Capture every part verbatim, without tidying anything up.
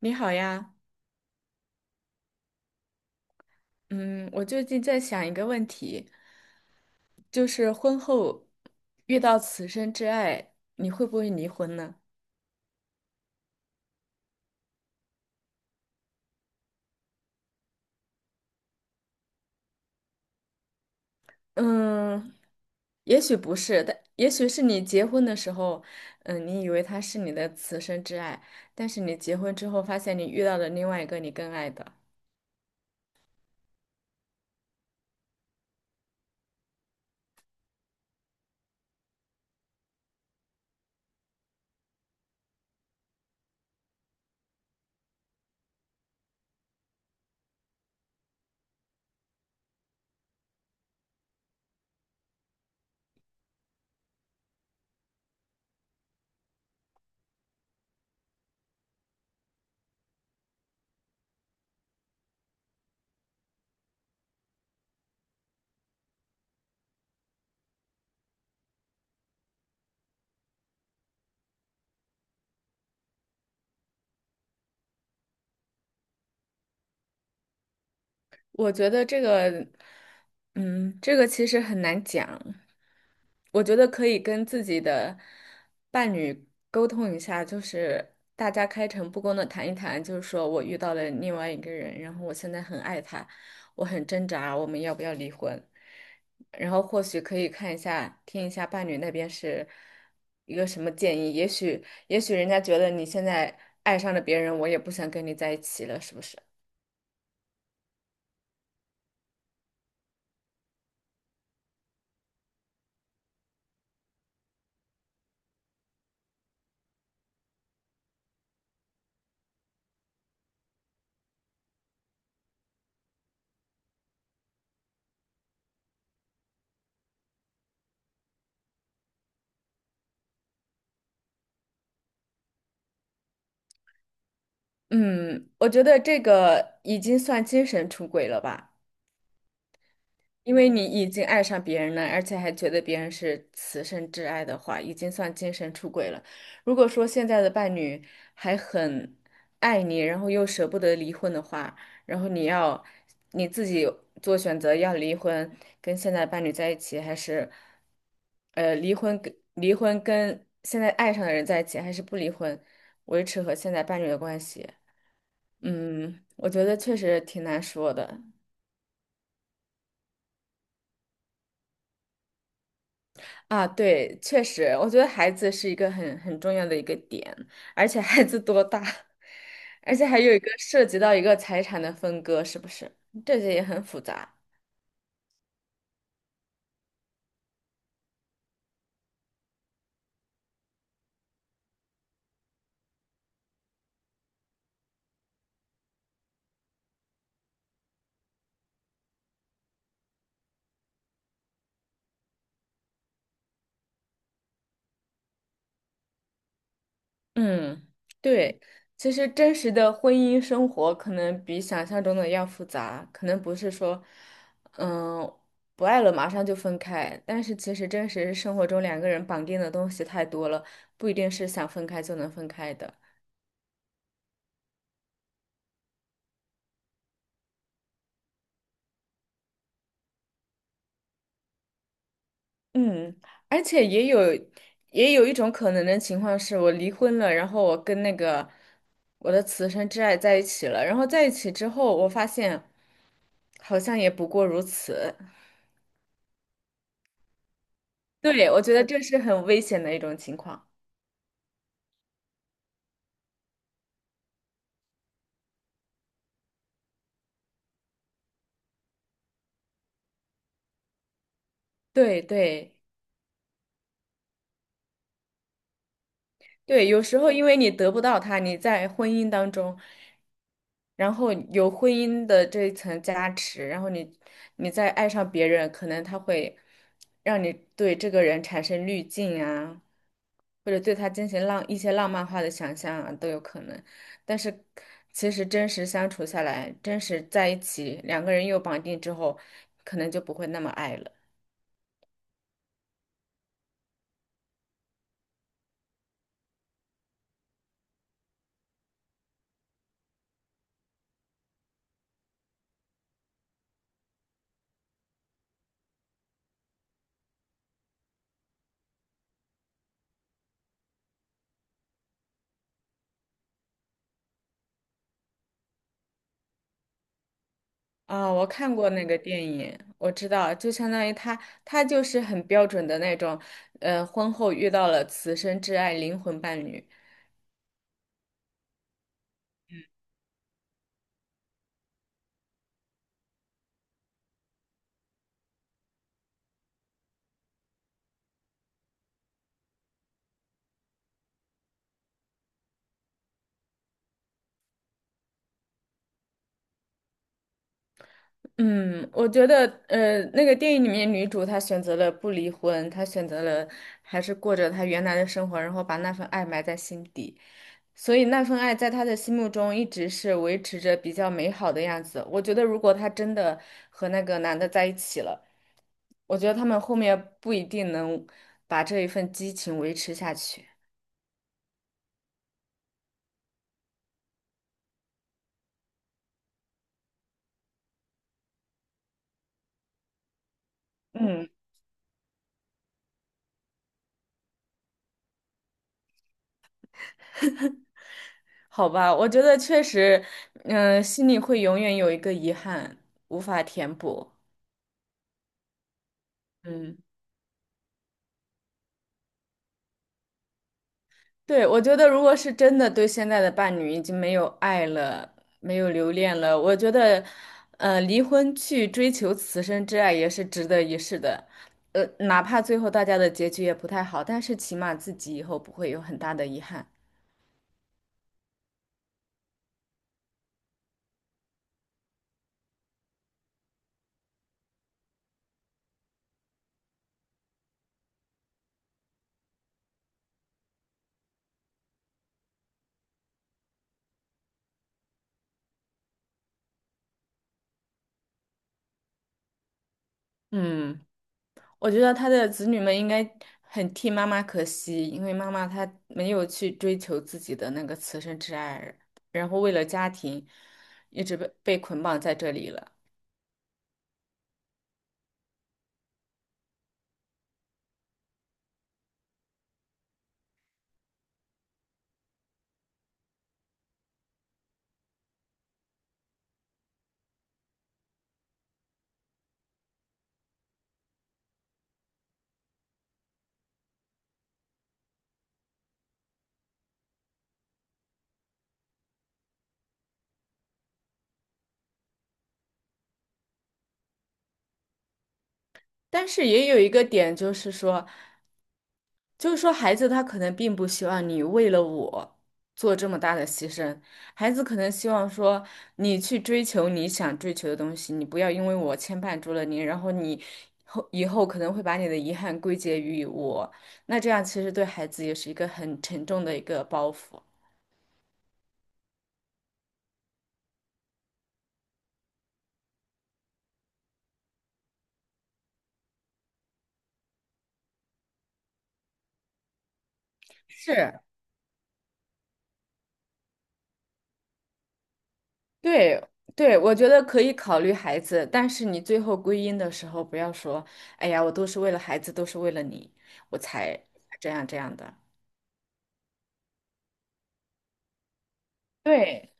你好呀，嗯，我最近在想一个问题，就是婚后遇到此生挚爱，你会不会离婚呢？嗯，也许不是，但也许是你结婚的时候，嗯，你以为他是你的此生挚爱，但是你结婚之后发现你遇到了另外一个你更爱的。我觉得这个，嗯，这个其实很难讲。我觉得可以跟自己的伴侣沟通一下，就是大家开诚布公的谈一谈，就是说我遇到了另外一个人，然后我现在很爱他，我很挣扎，我们要不要离婚？然后或许可以看一下，听一下伴侣那边是一个什么建议，也许也许人家觉得你现在爱上了别人，我也不想跟你在一起了，是不是？嗯，我觉得这个已经算精神出轨了吧。因为你已经爱上别人了，而且还觉得别人是此生挚爱的话，已经算精神出轨了。如果说现在的伴侣还很爱你，然后又舍不得离婚的话，然后你要你自己做选择，要离婚，跟现在伴侣在一起，还是呃离婚跟离婚跟现在爱上的人在一起，还是不离婚，维持和现在伴侣的关系？嗯，我觉得确实挺难说的。啊，对，确实，我觉得孩子是一个很很重要的一个点，而且孩子多大，而且还有一个涉及到一个财产的分割，是不是？这些也很复杂。嗯，对，其实真实的婚姻生活可能比想象中的要复杂，可能不是说，嗯，不爱了马上就分开，但是其实真实生活中两个人绑定的东西太多了，不一定是想分开就能分开的。嗯，而且也有也有一种可能的情况是，我离婚了，然后我跟那个我的此生挚爱在一起了，然后在一起之后，我发现好像也不过如此。对，我觉得这是很危险的一种情况。对对。对，有时候因为你得不到他，你在婚姻当中，然后有婚姻的这一层加持，然后你你再爱上别人，可能他会让你对这个人产生滤镜啊，或者对他进行浪一些浪漫化的想象啊，都有可能。但是其实真实相处下来，真实在一起，两个人又绑定之后，可能就不会那么爱了。啊，我看过那个电影，我知道，就相当于他，他就是很标准的那种，呃，婚后遇到了此生挚爱灵魂伴侣。嗯，我觉得，呃，那个电影里面女主她选择了不离婚，她选择了还是过着她原来的生活，然后把那份爱埋在心底，所以那份爱在她的心目中一直是维持着比较美好的样子。我觉得，如果她真的和那个男的在一起了。我觉得他们后面不一定能把这一份激情维持下去。嗯，好吧，我觉得确实，嗯、心里会永远有一个遗憾，无法填补。嗯，对，我觉得如果是真的对现在的伴侣已经没有爱了，没有留恋了，我觉得，呃，离婚去追求此生之爱也是值得一试的。呃，哪怕最后大家的结局也不太好，但是起码自己以后不会有很大的遗憾。嗯。我觉得他的子女们应该很替妈妈可惜，因为妈妈她没有去追求自己的那个此生挚爱，然后为了家庭，一直被被捆绑在这里了。但是也有一个点，就是说。就是说，孩子他可能并不希望你为了我做这么大的牺牲，孩子可能希望说你去追求你想追求的东西，你不要因为我牵绊住了你，然后你后以后可能会把你的遗憾归结于我，那这样其实对孩子也是一个很沉重的一个包袱。是，对对，我觉得可以考虑孩子，但是你最后归因的时候，不要说，哎呀，我都是为了孩子，都是为了你，我才才这样这样的。对。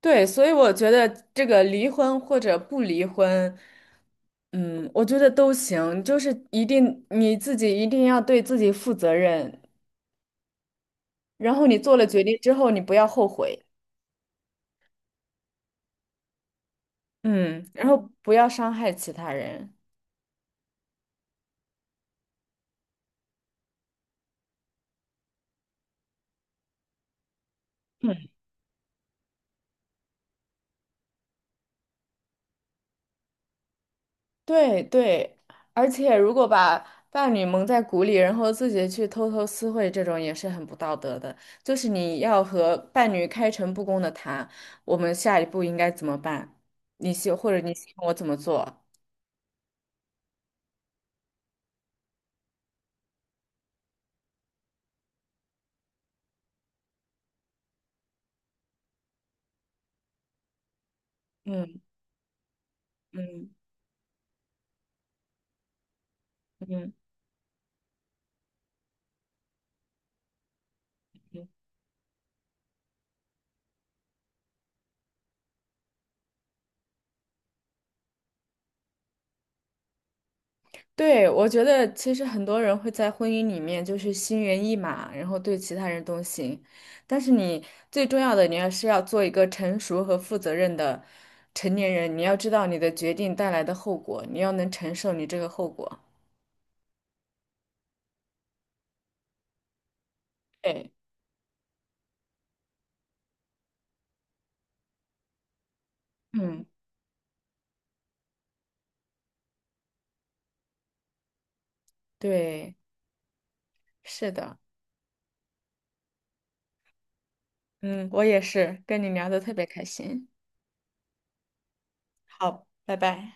对，所以我觉得这个离婚或者不离婚，嗯，我觉得都行，就是一定你自己一定要对自己负责任，然后你做了决定之后，你不要后悔，嗯，然后不要伤害其他人。嗯，对对，而且如果把伴侣蒙在鼓里，然后自己去偷偷私会，这种也是很不道德的。就是你要和伴侣开诚布公的谈，我们下一步应该怎么办？你希或者你希望我怎么做？嗯嗯嗯嗯，对，我觉得其实很多人会在婚姻里面就是心猿意马，然后对其他人动心，但是你最重要的，你要是要做一个成熟和负责任的成年人，你要知道你的决定带来的后果，你要能承受你这个后果。对，嗯，对，是的，嗯，我也是，跟你聊的特别开心。好，拜拜。